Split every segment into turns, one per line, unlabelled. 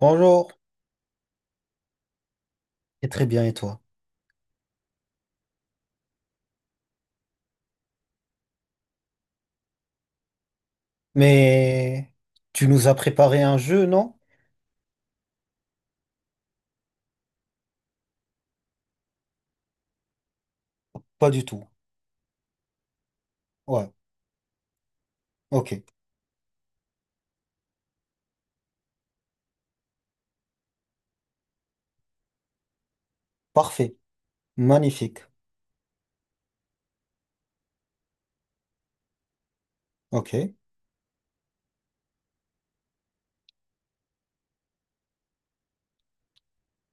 Bonjour, et très bien, et toi? Mais tu nous as préparé un jeu, non? Pas du tout. Ouais, ok, parfait, magnifique, ok,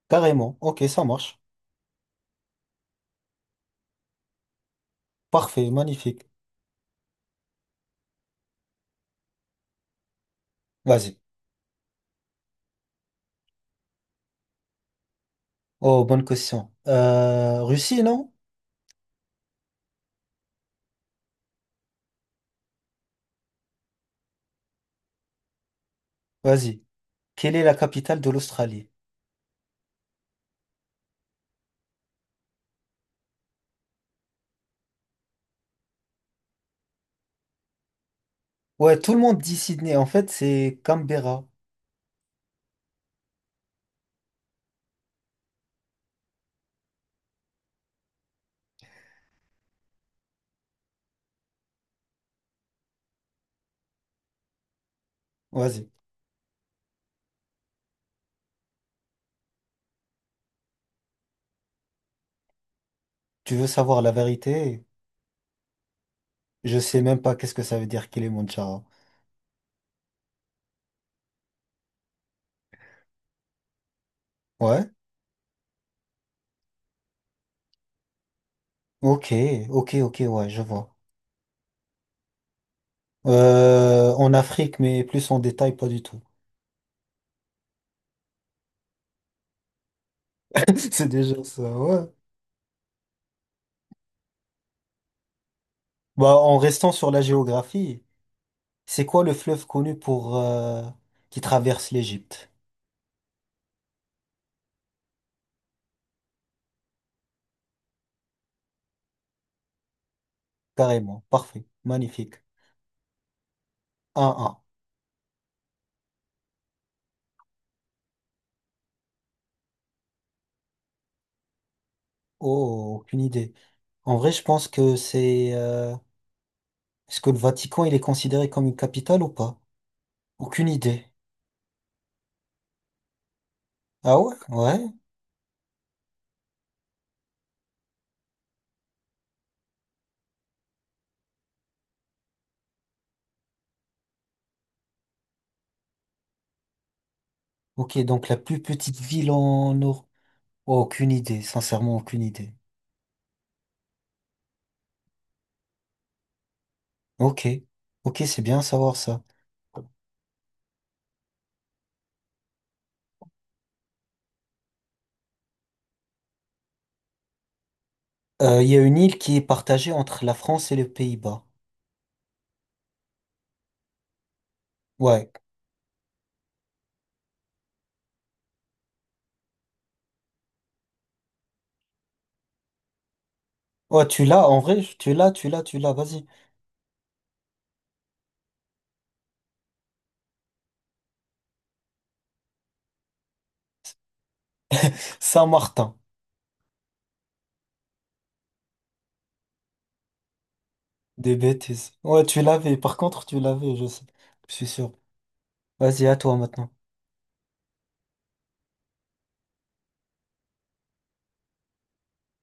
carrément, ok, ça marche, parfait, magnifique. Vas-y. Oh, bonne question. Russie, non? Vas-y. Quelle est la capitale de l'Australie? Ouais, tout le monde dit Sydney, en fait, c'est Canberra. Vas-y. Tu veux savoir la vérité? Je sais même pas qu'est-ce que ça veut dire Kilimandjaro. Ouais, ok, ok, ok, ouais, je vois. En Afrique, mais plus en détail, pas du tout. C'est déjà ça, ouais. Bah, en restant sur la géographie, c'est quoi le fleuve connu pour qui traverse l'Égypte? Carrément, parfait, magnifique. 1-1. Oh, aucune idée. En vrai, je pense que c'est... est-ce que le Vatican, il est considéré comme une capitale ou pas? Aucune idée. Ah ouais? Ouais. Ok, donc la plus petite ville en Europe. Aucune idée, sincèrement, aucune idée. Ok. Ok, c'est bien à savoir ça. Il y a une île qui est partagée entre la France et les Pays-Bas. Ouais. Ouais, tu l'as, en vrai, tu l'as, tu l'as, tu l'as, vas-y. Saint-Martin, des bêtises. Ouais, tu l'avais, par contre, tu l'avais, je sais. Je suis sûr. Vas-y, à toi maintenant.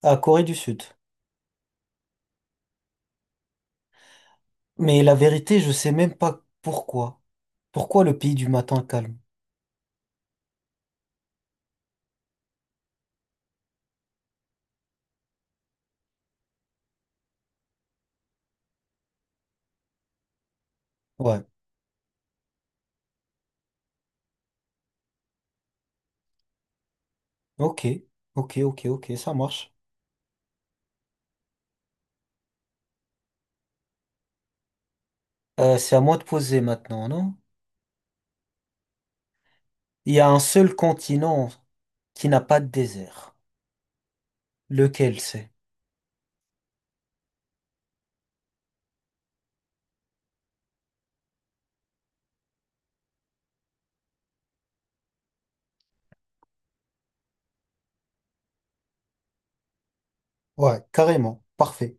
À Corée du Sud. Mais la vérité, je sais même pas pourquoi. Pourquoi le pays du matin calme? Ouais. Ok, ok, ok, ok, ça marche. C'est à moi de poser maintenant, non? Il y a un seul continent qui n'a pas de désert. Lequel c'est? Ouais, carrément. Parfait.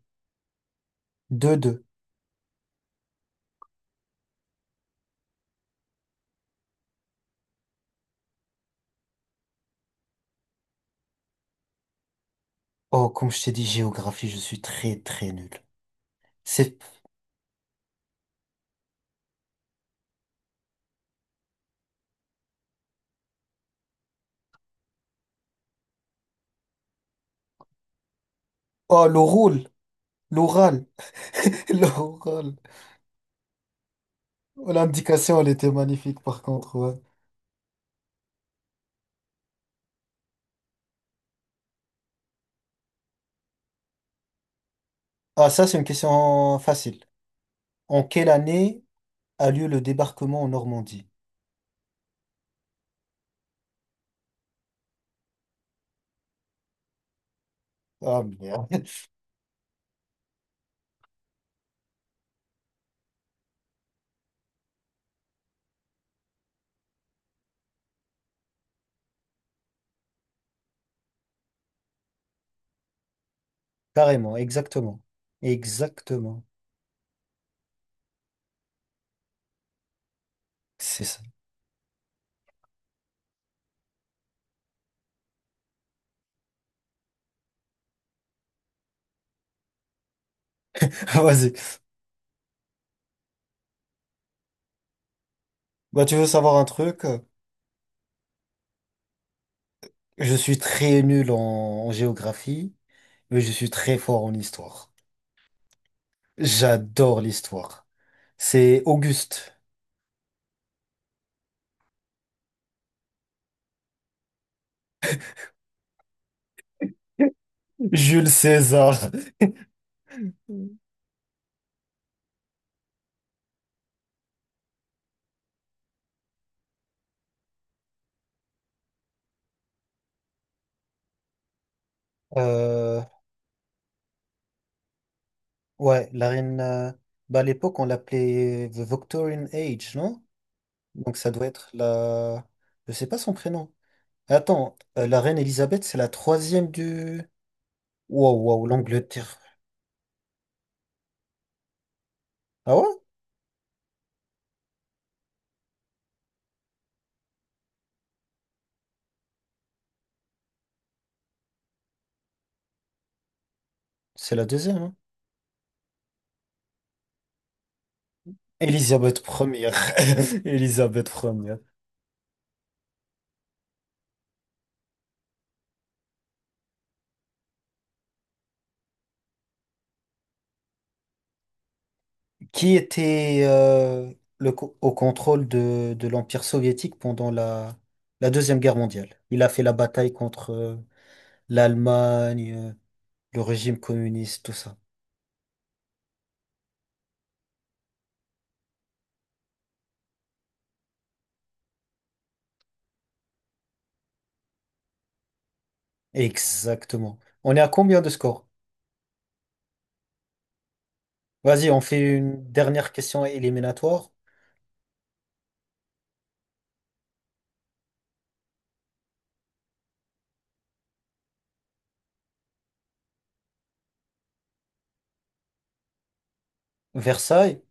2-2. Oh, comme je t'ai dit, géographie, je suis très très nul. C'est... Oh, l'oral, l'oral. Oh, l'indication, elle était magnifique par contre. Ouais. Ah, ça, c'est une question facile. En quelle année a lieu le débarquement en Normandie? Ah, merde. Carrément, exactement. Exactement. C'est ça. Vas-y. Bah, tu veux savoir un truc? Je suis très nul en géographie, mais je suis très fort en histoire. J'adore l'histoire. C'est Auguste. Jules César. Euh, ouais, la reine. Bah, à l'époque, on l'appelait The Victorian Age, non? Donc ça doit être la. Je sais pas son prénom. Attends, la reine Elisabeth, c'est la troisième du. Wow, wow, l'Angleterre. Ah ouais? C'est la deuxième, hein. Elisabeth première. Elisabeth première. Qui était au contrôle de l'Empire soviétique pendant la Deuxième Guerre mondiale? Il a fait la bataille contre l'Allemagne. Le régime communiste, tout ça. Exactement. On est à combien de scores? Vas-y, on fait une dernière question éliminatoire. Versailles?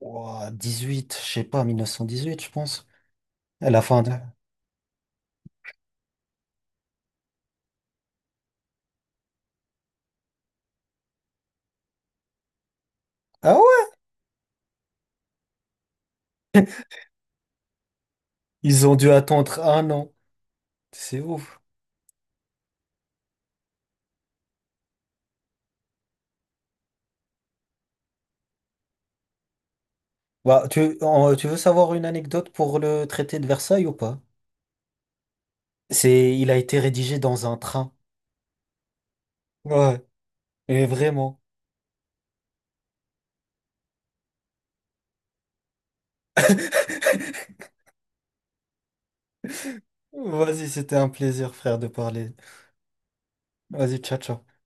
Ouah, huit je sais pas, 1918, je pense. À la fin de... Ah ouais? Ils ont dû attendre un an. C'est ouf. Bah, tu veux savoir une anecdote pour le traité de Versailles ou pas? C'est, il a été rédigé dans un train. Ouais, et vraiment. Vas-y, c'était un plaisir, frère, de parler. Vas-y, ciao, ciao.